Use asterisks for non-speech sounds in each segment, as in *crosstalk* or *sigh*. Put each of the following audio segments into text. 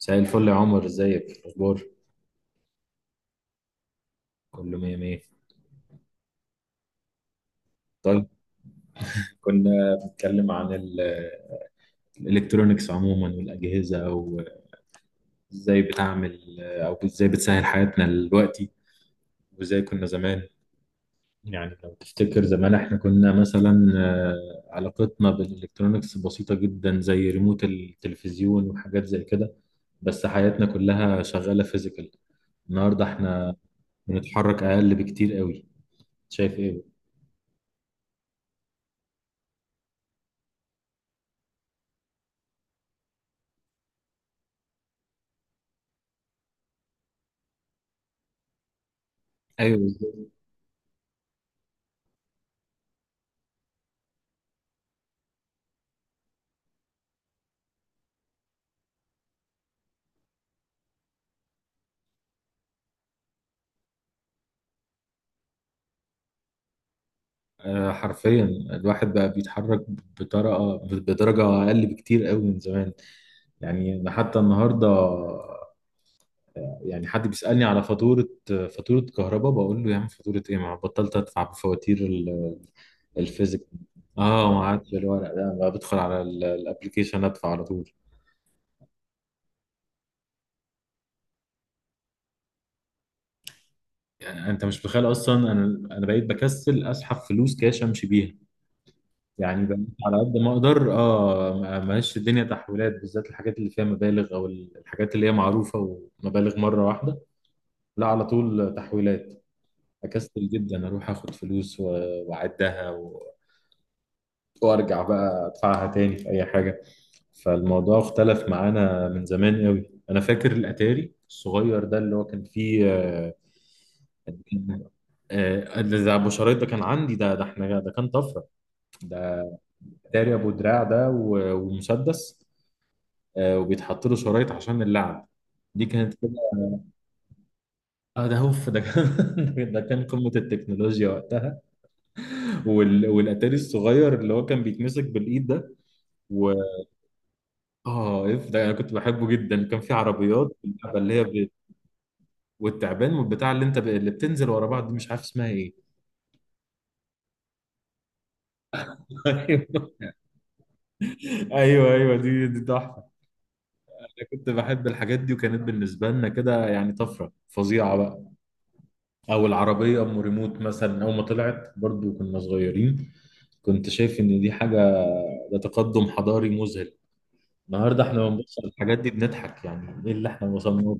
مساء الفل يا عمر، ازيك الاخبار؟ كله مية مية. طيب، كنا بنتكلم عن الالكترونيكس عموما والاجهزه، وازاي بتعمل او ازاي بتسهل حياتنا دلوقتي، وازاي كنا زمان. يعني لو تفتكر زمان احنا كنا مثلا علاقتنا بالالكترونيكس بسيطه جدا، زي ريموت التلفزيون وحاجات زي كده، بس حياتنا كلها شغاله فيزيكال. النهارده احنا بنتحرك اقل بكتير قوي. شايف ايه؟ ايوه. حرفيا الواحد بقى بيتحرك بطريقه، بدرجه اقل بكتير قوي من زمان. يعني انا حتى النهارده، يعني حد بيسالني على فاتوره، فاتوره كهرباء، بقول له يا عم فاتوره ايه، ما بطلت ادفع بفواتير الفيزيك. اه ما عادش الورق ده، بقى بدخل على الابلكيشن ادفع على طول. يعني انت مش متخيل اصلا، انا بقيت بكسل اسحب فلوس كاش امشي بيها. يعني بقيت على قد ما اقدر، اه ماشي الدنيا تحويلات، بالذات الحاجات اللي فيها مبالغ، او الحاجات اللي هي معروفه ومبالغ مره واحده. لا، على طول تحويلات. اكسل جدا اروح اخد فلوس واعدها وارجع بقى ادفعها تاني في اي حاجه. فالموضوع اختلف معانا من زمان قوي. انا فاكر الاتاري الصغير ده اللي هو كان فيه ده ابو شرايط، ده كان عندي، ده احنا ده كان طفره. ده اتاري ابو دراع ده ومسدس، وبيتحط له شرايط عشان اللعب. دي كانت كده. اه ده هوف، ده كان *laughs* ده كان قمة التكنولوجيا وقتها. والاتاري الصغير اللي هو كان بيتمسك بالايد ده، و اه اف ده انا كنت بحبه جدا. كان في عربيات اللعبة اللي هي والتعبان والبتاع اللي انت اللي بتنزل ورا بعض، دي مش عارف اسمها ايه. *laughs* ايوه ايوه ايوه، دي تحفة. انا كنت بحب الحاجات دي، وكانت بالنسبة لنا كده يعني طفرة فظيعة بقى. او العربية ام ريموت مثلا، اول ما طلعت برضو كنا صغيرين، كنت شايف ان دي حاجه، ده تقدم حضاري مذهل. النهارده احنا لما بنبص على الحاجات دي بنضحك، يعني ايه اللي احنا وصلنا له.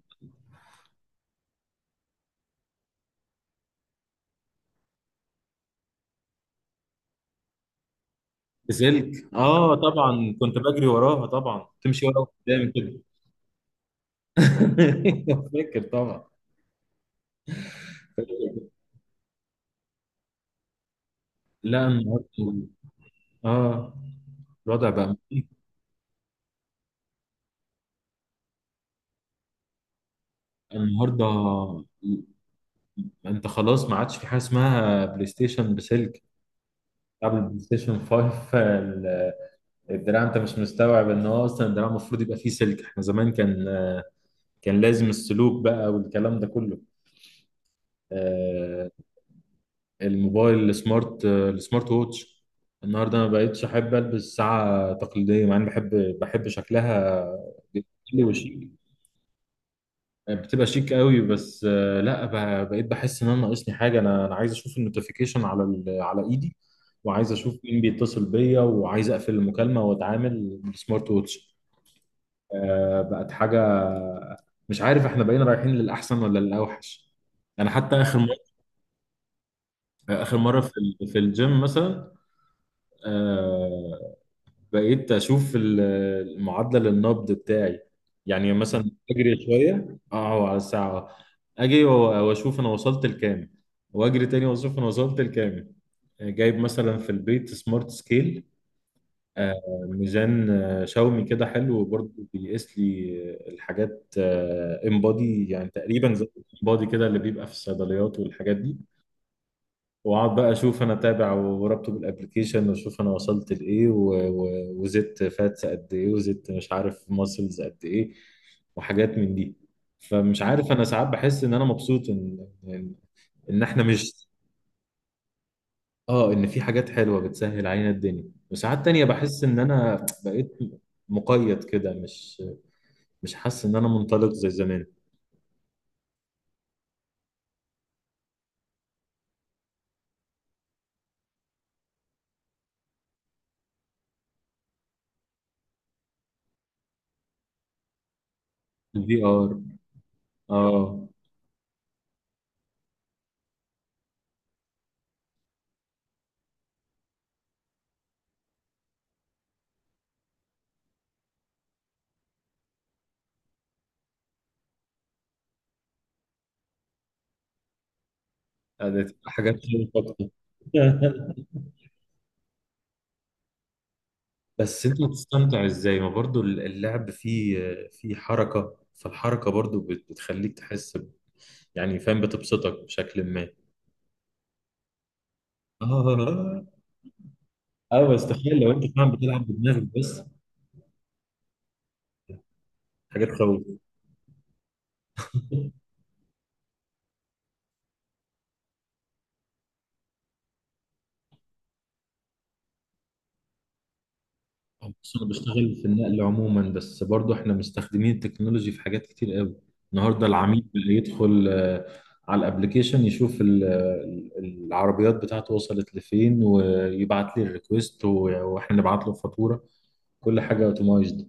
بسلك، اه طبعا، كنت بجري وراها طبعا تمشي ورا قدام كده. *laughs* فاكر طبعا. لا النهارده، اه الوضع بقى مخيف. النهارده انت خلاص ما عادش في حاجه اسمها بلاي ستيشن بسلك. قبل البلاي ستيشن 5، الدراع، انت مش مستوعب ان هو اصلا الدراع المفروض يبقى فيه سلك. احنا زمان كان، كان لازم السلوك بقى والكلام ده كله. آه، الموبايل السمارت، السمارت ووتش، النهارده ما بقتش احب البس ساعه تقليديه، مع اني بحب شكلها، جميل وشيك. بتبقى شيك قوي، بس آه، لا ب- بقيت بحس ان انا ناقصني حاجه. انا عايز اشوف النوتيفيكيشن على على ايدي، وعايز اشوف مين بيتصل بيا، وعايز اقفل المكالمه واتعامل بالسمارت ووتش. بقت حاجه. مش عارف احنا بقينا رايحين للاحسن ولا للاوحش. انا حتى اخر مره في في الجيم مثلا، آه، بقيت اشوف المعادله للنبض بتاعي. يعني مثلا اجري شويه اه على الساعه، اجي واشوف انا وصلت لكام، واجري تاني واشوف انا وصلت لكام. جايب مثلا في البيت سمارت سكيل، آه، ميزان شاومي كده حلو، وبرضه بيقيس لي الحاجات، انبادي يعني، تقريبا زي الانبادي كده اللي بيبقى في الصيدليات والحاجات دي. واقعد بقى اشوف انا، اتابع وربطه بالابلكيشن، واشوف انا وصلت لايه وزدت فاتس قد ايه، وزدت مش عارف ماسلز قد ايه، وحاجات من دي. فمش عارف، انا ساعات بحس ان انا مبسوط ان ان إن احنا مش، اه ان في حاجات حلوه بتسهل علينا الدنيا، وساعات تانية بحس ان انا بقيت مقيد كده، مش مش حاسس ان انا منطلق زي زمان. الفي ار، اه ده تبقى حاجات ليها أكتر. *laughs* بس انت بتستمتع ازاي، ما برضو اللعب فيه، فيه حركة، فالحركة برضو بتخليك تحس يعني فاهم، بتبسطك بشكل ما. اه اه بس تخيل لو انت فاهم بتلعب بدماغك بس. حاجات تخوف. بص انا بشتغل في النقل عموما، بس برضو احنا مستخدمين التكنولوجي في حاجات كتير قوي. النهارده العميل بقى يدخل على الابليكيشن، يشوف العربيات بتاعته وصلت لفين، ويبعت لي الريكوست، واحنا نبعت له الفاتوره. كل حاجه اوتومايزد.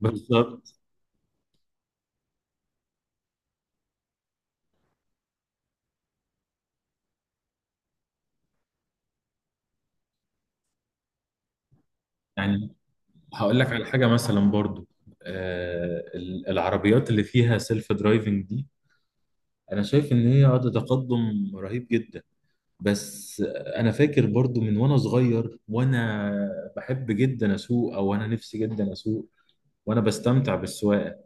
بالظبط. يعني هقول لك على حاجه مثلا برضو، العربيات اللي فيها سيلف درايفنج دي، انا شايف ان هي ده تقدم رهيب جدا. بس انا فاكر برضو من وانا صغير، وانا بحب جدا اسوق، او انا نفسي جدا اسوق وانا بستمتع بالسواقه.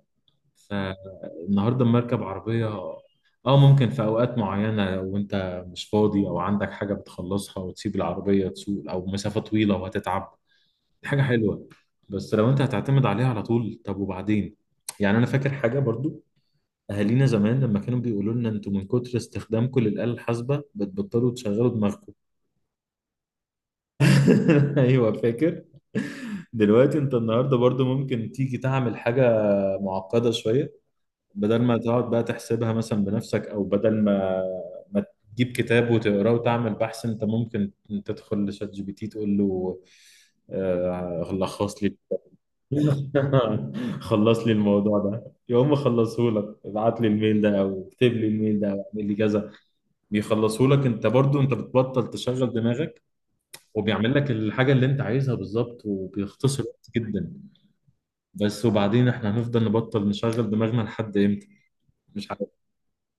فالنهارده لما اركب عربيه، اه ممكن في اوقات معينه وانت مش فاضي، او عندك حاجه بتخلصها وتسيب العربيه تسوق، او مسافه طويله وهتتعب، دي حاجه حلوه. بس لو انت هتعتمد عليها على طول، طب وبعدين؟ يعني انا فاكر حاجه برضو، اهالينا زمان لما كانوا بيقولوا لنا انتوا من كتر استخدامكم للآلة الحاسبة بتبطلوا تشغلوا دماغكم. *laughs* ايوه فاكر. دلوقتي انت النهارده برضو ممكن تيجي تعمل حاجه معقده شويه، بدل ما تقعد بقى تحسبها مثلا بنفسك، او بدل ما تجيب كتاب وتقراه وتعمل بحث، انت ممكن تدخل لشات جي بي تي تقول له لخص لي، *laughs* خلص لي الموضوع ده، يقوم مخلصه لك. ابعت لي الميل ده، او اكتب لي الميل ده، او اعمل لي كذا، بيخلصه لك. انت برضو انت بتبطل تشغل دماغك، وبيعمل لك الحاجة اللي انت عايزها بالظبط، وبيختصر وقت جدا. بس وبعدين، احنا هنفضل نبطل نشغل دماغنا لحد امتى؟ مش عارف.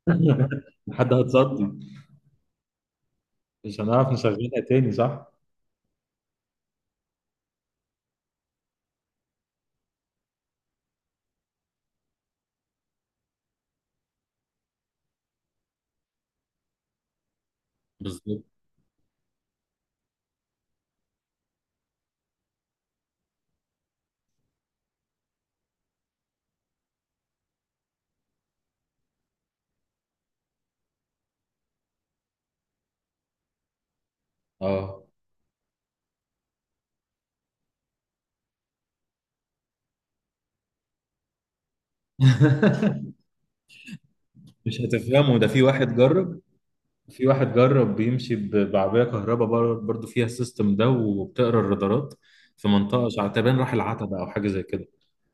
*laughs* لحد هتصدي، مش هنعرف نشغلها تاني. صح. بالظبط. اه *laughs* مش هتفهمه، ده في واحد جرب. في واحد جرب، بيمشي بعربية كهرباء برضو فيها السيستم ده، وبتقرا الرادارات، في منطقة شعتبان راح العتبة او حاجة زي كده،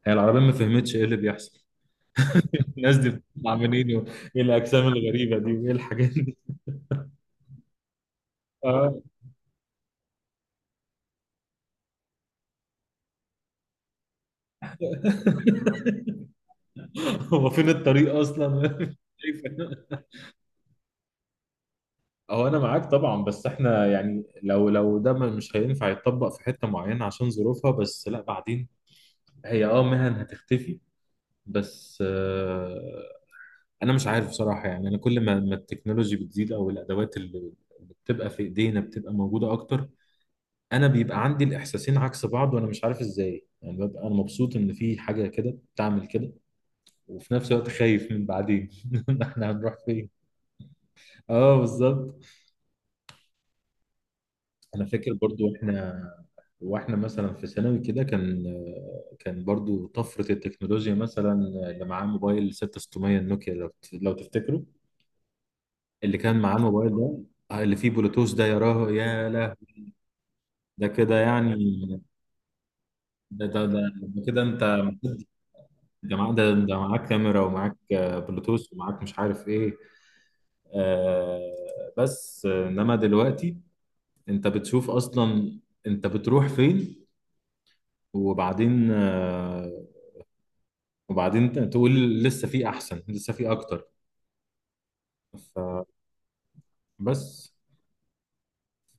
هي العربية ما فهمتش ايه اللي بيحصل. *laughs* الناس دي عاملين ايه، ايه الاجسام الغريبة دي، وايه الحاجات؟ اه. *laughs* هو فين الطريق اصلا؟ *laughs* شايف؟ هو انا معاك طبعا، بس احنا يعني، لو ده مش هينفع يتطبق في حته معينه عشان ظروفها، بس لا بعدين، هي اه مهن هتختفي، بس آه انا مش عارف بصراحه. يعني انا كل ما التكنولوجي بتزيد، او الادوات اللي بتبقى في ايدينا بتبقى موجوده اكتر، انا بيبقى عندي الاحساسين عكس بعض، وانا مش عارف ازاي. يعني ببقى انا مبسوط ان في حاجه كده بتعمل كده، وفي نفس الوقت خايف من بعدين. *laughs* احنا هنروح فين؟ اه بالظبط. انا فاكر برضو، احنا واحنا مثلا في ثانوي كده كان، كان برضو طفرة التكنولوجيا مثلا، اللي معاه موبايل 6600 النوكيا، لو تفتكروا، اللي كان معاه الموبايل ده، اللي فيه بلوتوث ده، يراه يا له، ده كده يعني. ده ده ده, ده كده انت، ده معاك كاميرا، ومعاك بلوتوث، ومعاك مش عارف ايه. آه بس انما دلوقتي، انت بتشوف اصلا انت بتروح فين. وبعدين وبعدين تقول لسه في احسن، لسه في اكتر. فبس،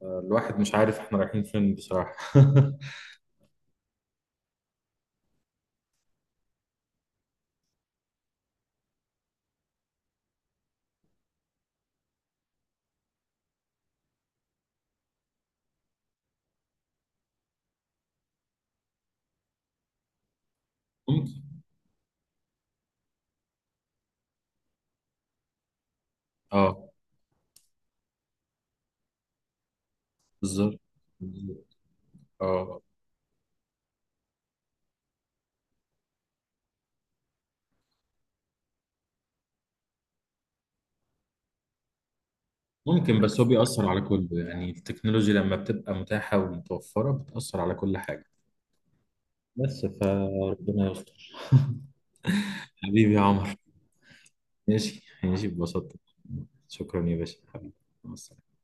الواحد مش عارف احنا رايحين فين بصراحة. *laughs* ممكن. اه بالظبط. بالظبط. اه ممكن، بس هو بيأثر على كله، يعني التكنولوجيا لما بتبقى متاحة ومتوفرة بتأثر على كل حاجة. بس فربنا يستر. حبيبي يا عمر. ماشي، ماشي ببساطة. شكرا يا باشا حبيبي. مع السلامة.